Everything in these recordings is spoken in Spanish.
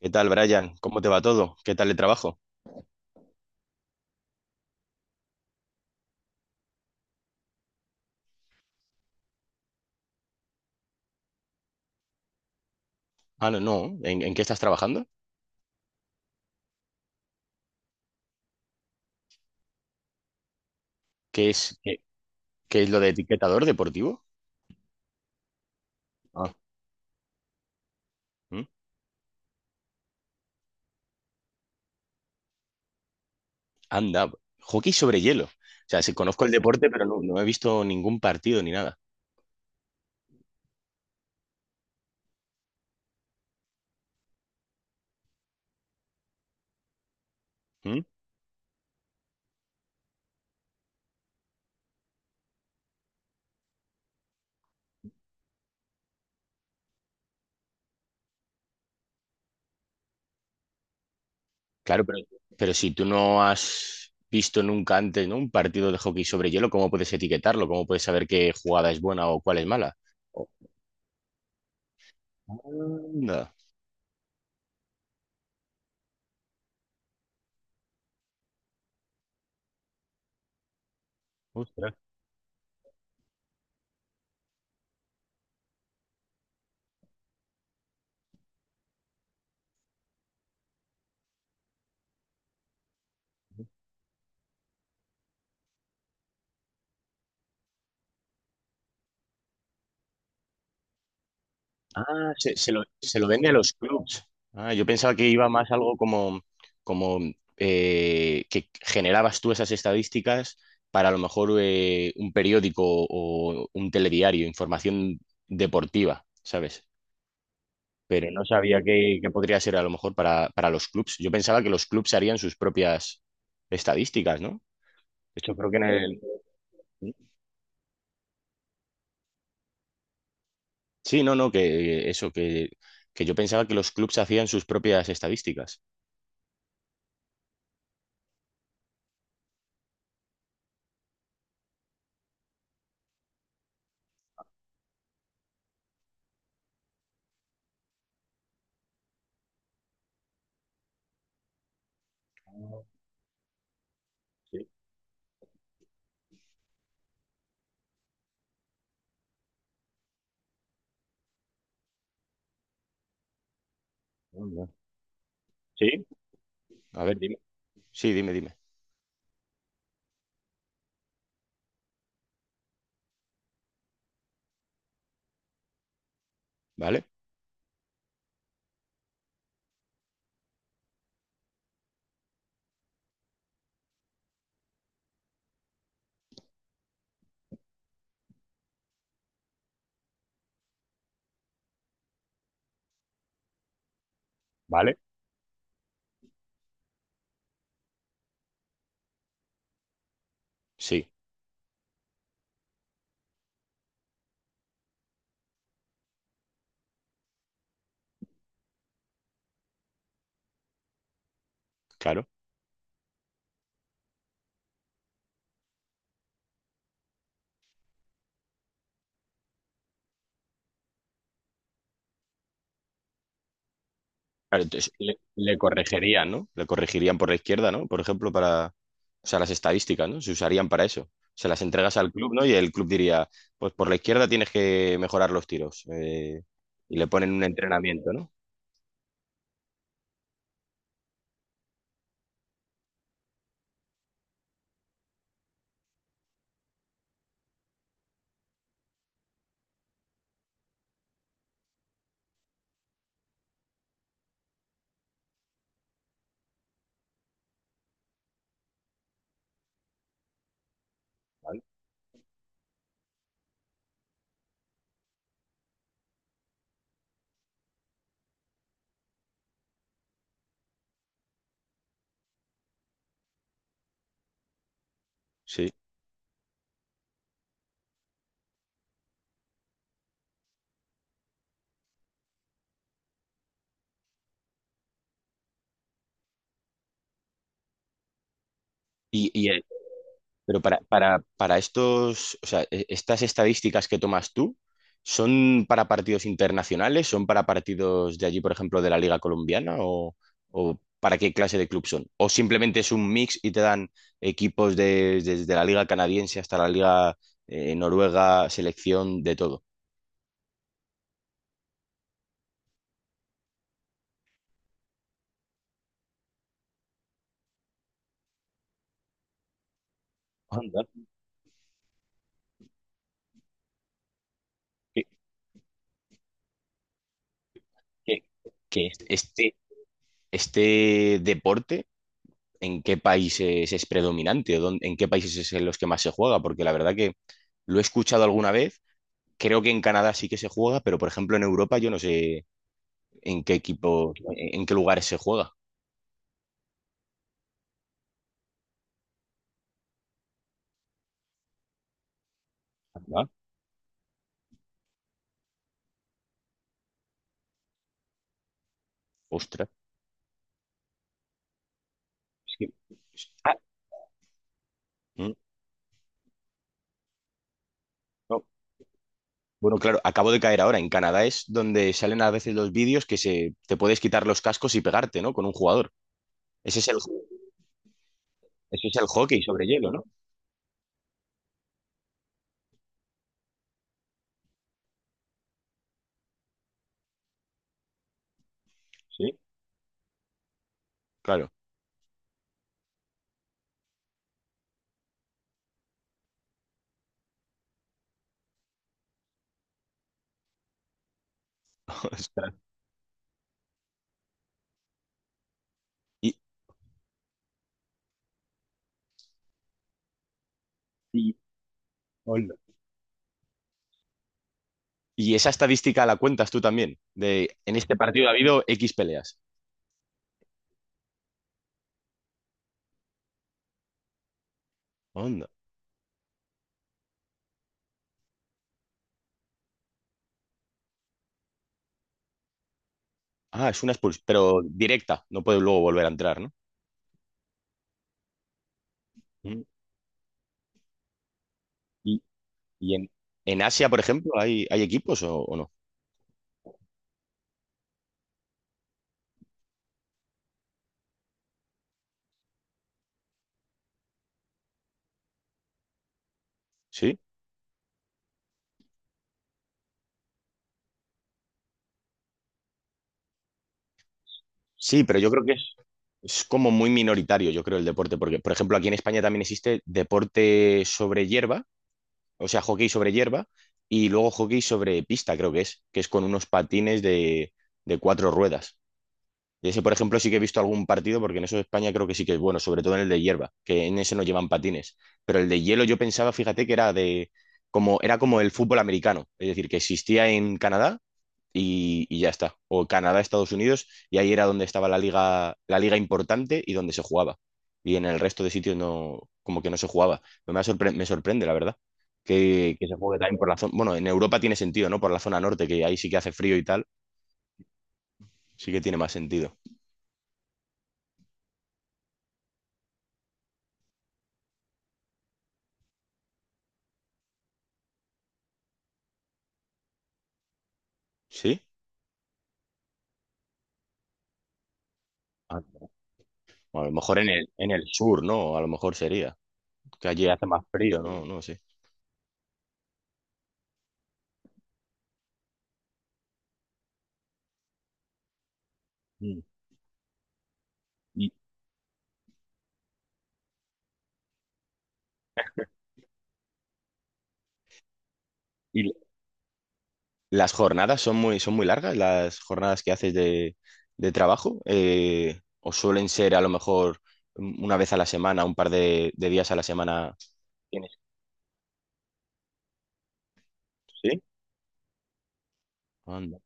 ¿Qué tal, Brian? ¿Cómo te va todo? ¿Qué tal el trabajo? Ah, no, no. ¿En qué estás trabajando? ¿Qué es, qué, qué es lo de etiquetador deportivo? Ah. ¿Mm? Anda, hockey sobre hielo. O sea, sí conozco el deporte, pero no, no he visto ningún partido ni nada. ¿Mm? Claro, pero si tú no has visto nunca antes, ¿no? un partido de hockey sobre hielo, ¿cómo puedes etiquetarlo? ¿Cómo puedes saber qué jugada es buena o cuál es mala? Oh. Anda. Ostras. Ah, se, se lo vende a los clubs. Ah, yo pensaba que iba más algo como, como que generabas tú esas estadísticas para a lo mejor un periódico o un telediario, información deportiva, ¿sabes? Pero no sabía que podría ser a lo mejor para los clubs. Yo pensaba que los clubs harían sus propias estadísticas, ¿no? De hecho, creo que en el... Sí, no, no, que eso, que yo pensaba que los clubs hacían sus propias estadísticas. Sí. Sí, a ver, dime. Sí, dime, dime. ¿Vale? ¿Vale? Sí, claro. Claro, entonces le corregirían, ¿no? Le corregirían por la izquierda, ¿no? Por ejemplo, para, o sea, las estadísticas, ¿no? Se usarían para eso. Se las entregas al club, ¿no? Y el club diría, pues por la izquierda tienes que mejorar los tiros. Y le ponen un entrenamiento, ¿no? Sí. Y, y, Pero para estos, o sea, estas estadísticas que tomas tú, ¿son para partidos internacionales? ¿Son para partidos de allí, por ejemplo, de la Liga Colombiana? O para qué clase de club son? ¿O simplemente es un mix y te dan equipos desde la Liga Canadiense hasta la Liga Noruega, selección, de todo? Anda, que, que- que este, este deporte en qué países es predominante o en qué países es en los que más se juega, porque la verdad que lo he escuchado alguna vez, creo que en Canadá sí que se juega, pero por ejemplo en Europa yo no sé en qué equipo, en qué lugares se juega. Anda. Ostras. es que- ah. Mm. no, No, claro, acabo de caer ahora. En Canadá es donde salen a veces los vídeos que se, te puedes quitar los cascos y pegarte, ¿no? Con un jugador. Ese es el, ese es el hockey sobre hielo, ¿no? Sí. Claro. Ostras. Y, sí. Y esa estadística la cuentas tú también, de en este partido ha habido X peleas. Onda. Ah, es una expulsión, pero directa, no puede luego volver a entrar, ¿no? Mm. Y, y en, en Asia, por ejemplo, ¿hay, hay equipos o no? Sí, sí, pero yo creo que es como muy minoritario, yo creo, el deporte, porque, por ejemplo, aquí en España también existe deporte sobre hierba, o sea, hockey sobre hierba, y luego hockey sobre pista, creo que es con unos patines de cuatro ruedas. Y ese, por ejemplo, sí que he visto algún partido, porque en eso de España creo que sí que es bueno, sobre todo en el de hierba, que en ese no llevan patines. Pero el de hielo yo pensaba, fíjate, que era de como, era como el fútbol americano, es decir, que existía en Canadá y ya está. O Canadá, Estados Unidos, y ahí era donde estaba la liga importante y donde se jugaba. Y en el resto de sitios no, como que no se jugaba. Me, me sorprende, la verdad, que se juegue también por la zona. Bueno, en Europa tiene sentido, ¿no? Por la zona norte, que ahí sí que hace frío y tal, sí que tiene más sentido. ¿Sí? O a lo mejor en el sur, ¿no? A lo mejor sería. Que allí hace más frío, ¿no? No sé. Mm. ¿Y, y las jornadas son muy largas? ¿Las jornadas que haces de trabajo? ¿O suelen ser a lo mejor una vez a la semana, un par de días a la semana? ¿Tienes? ¿Sí? Anda,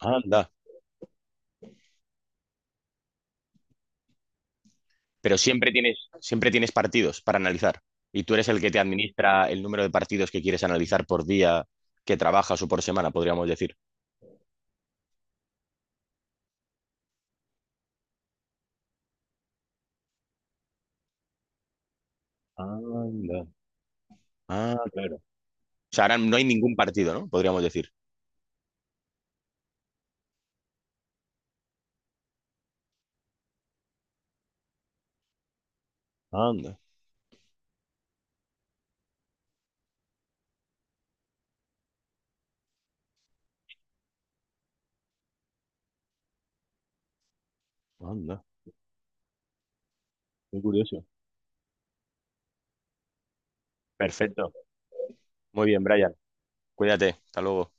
anda. Pero siempre tienes partidos para analizar. Y tú eres el que te administra el número de partidos que quieres analizar por día que trabajas o por semana, podríamos decir. Anda. Ah, claro. O sea, ahora no hay ningún partido, ¿no? Podríamos decir. Anda, anda, qué curioso. Perfecto. Muy bien, Brian. Cuídate. Hasta luego.